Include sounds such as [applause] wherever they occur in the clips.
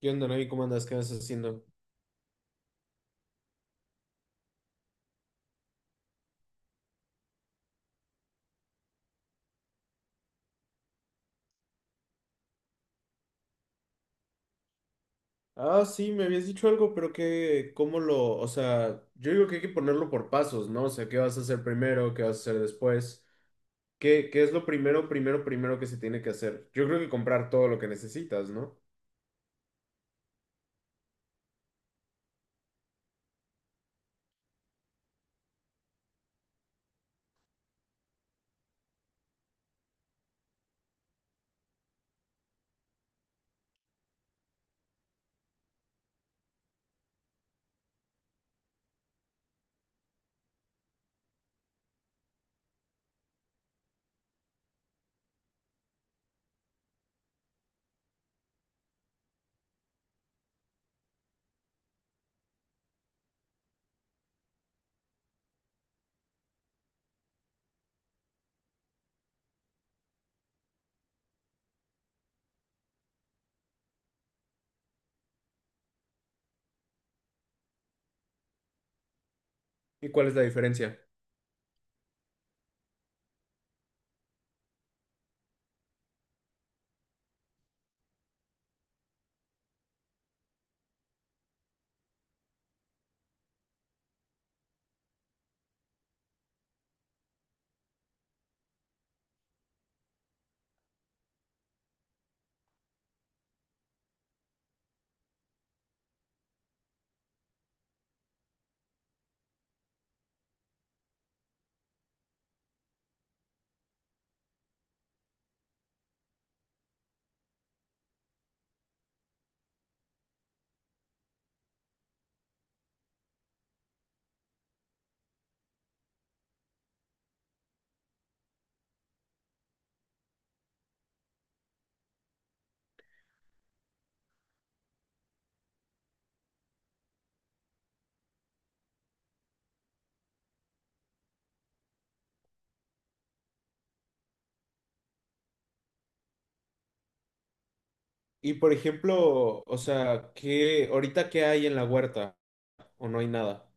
¿Qué onda, Navi? ¿Cómo andas? ¿Qué andas haciendo? Ah, sí, me habías dicho algo, pero que, ¿cómo lo, o sea, yo digo que hay que ponerlo por pasos, ¿no? O sea, ¿qué vas a hacer primero? ¿Qué vas a hacer después? ¿Qué, qué es lo primero que se tiene que hacer? Yo creo que comprar todo lo que necesitas, ¿no? ¿Y cuál es la diferencia? Y por ejemplo, o sea, ¿qué, ahorita qué hay en la huerta? ¿O no hay nada?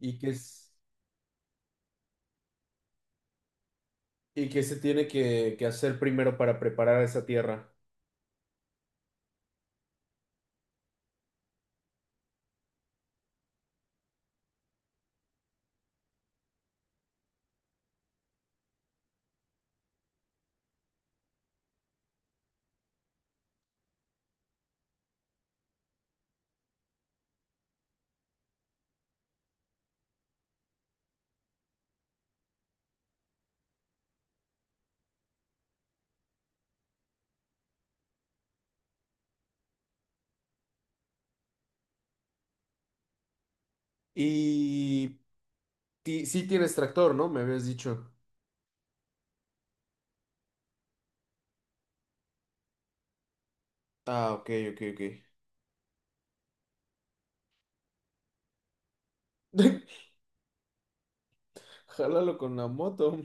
¿Y qué es, y qué se tiene que hacer primero para preparar esa tierra? Y sí tienes tractor, ¿no? Me habías dicho. Ah, ok, ok, ok. [laughs] Jálalo con la moto.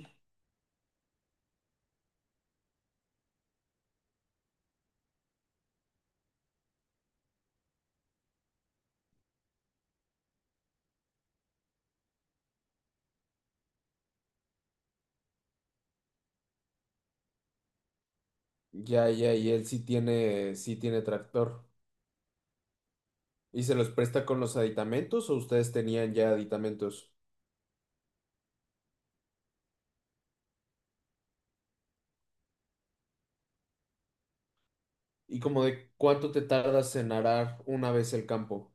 Ya, ya, y él sí tiene tractor. ¿Y se los presta con los aditamentos o ustedes tenían ya aditamentos? ¿Y como de cuánto te tardas en arar una vez el campo?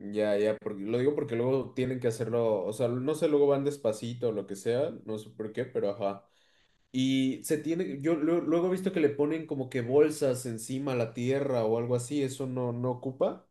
Ya, ya, porque lo digo porque luego tienen que hacerlo, o sea, no sé, luego van despacito o lo que sea, no sé por qué, pero ajá. Y se tiene, yo luego he visto que le ponen como que bolsas encima a la tierra o algo así, eso no, no ocupa.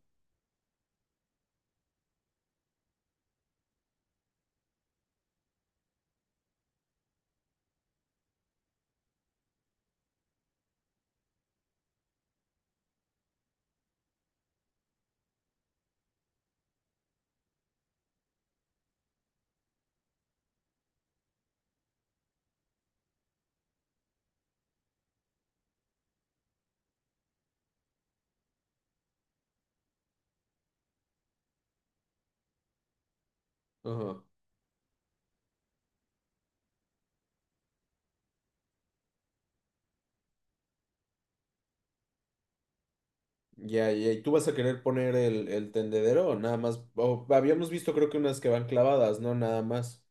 Ajá. Ya, ya, ¿y tú vas a querer poner el tendedero o nada más? O habíamos visto creo que unas que van clavadas, ¿no? Nada más.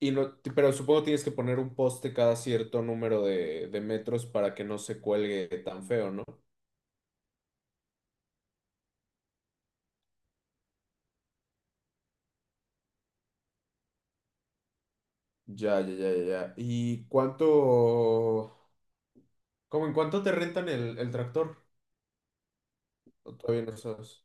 Y no, pero supongo tienes que poner un poste cada cierto número de metros para que no se cuelgue tan feo, ¿no? Ya, ya, ya, ya. Ya. ¿Y cuánto, como en cuánto te rentan el tractor? ¿O todavía no sabes?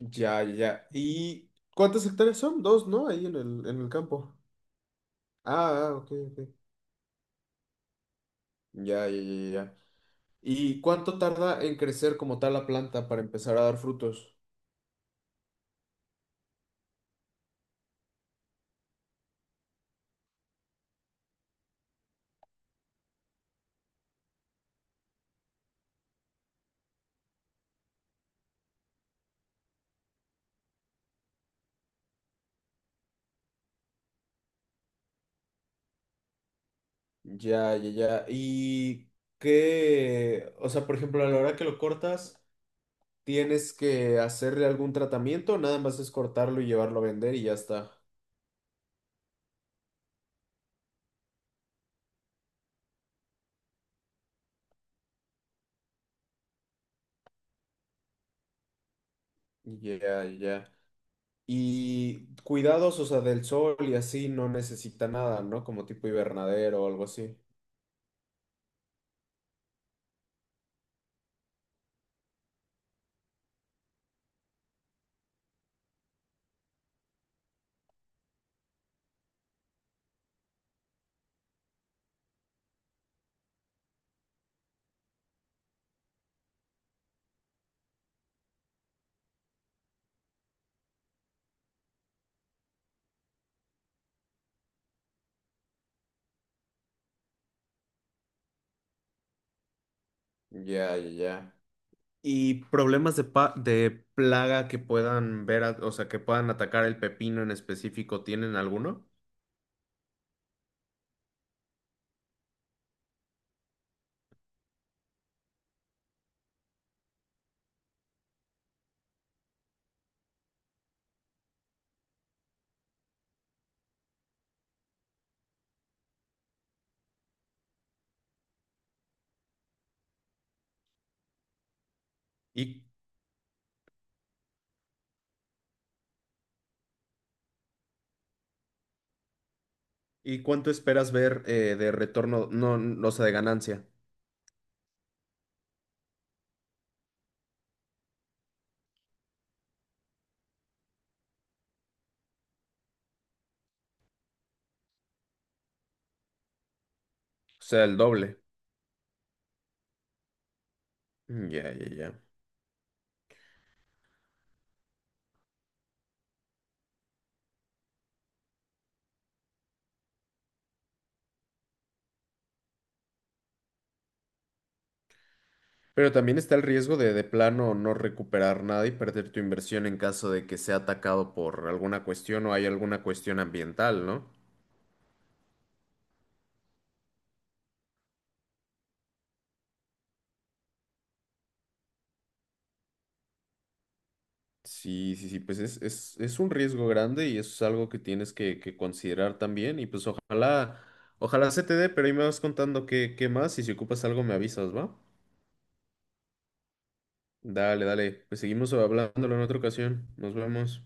Ya, ya, ya. ¿Y cuántas hectáreas son? Dos, ¿no? Ahí en el campo. Ah, ah, ok, ok. Ya, ya, ya, ya. ¿Y cuánto tarda en crecer como tal la planta para empezar a dar frutos? Ya, ya, ya. ¿Y qué? O sea, por ejemplo, a la hora que lo cortas, ¿tienes que hacerle algún tratamiento? Nada más es cortarlo y llevarlo a vender y ya está. Ya, ya. Y cuidados, o sea, del sol y así no necesita nada, ¿no? Como tipo invernadero o algo así. Ya, ya, ya. Y problemas de, de plaga que puedan ver, a- o sea, que puedan atacar el pepino en específico, ¿tienen alguno? ¿Y, y cuánto esperas ver de retorno, no, no, o sea, de ganancia? O sea, el doble. Mm, ya, ya, ya. Pero también está el riesgo de plano no recuperar nada y perder tu inversión en caso de que sea atacado por alguna cuestión o hay alguna cuestión ambiental, ¿no? Sí, sí, sí, pues es un riesgo grande y eso es algo que tienes que considerar también y pues ojalá, ojalá se te dé, pero ahí me vas contando qué, qué más y si ocupas algo me avisas, ¿va? Dale, dale, pues seguimos hablándolo en otra ocasión, nos vemos.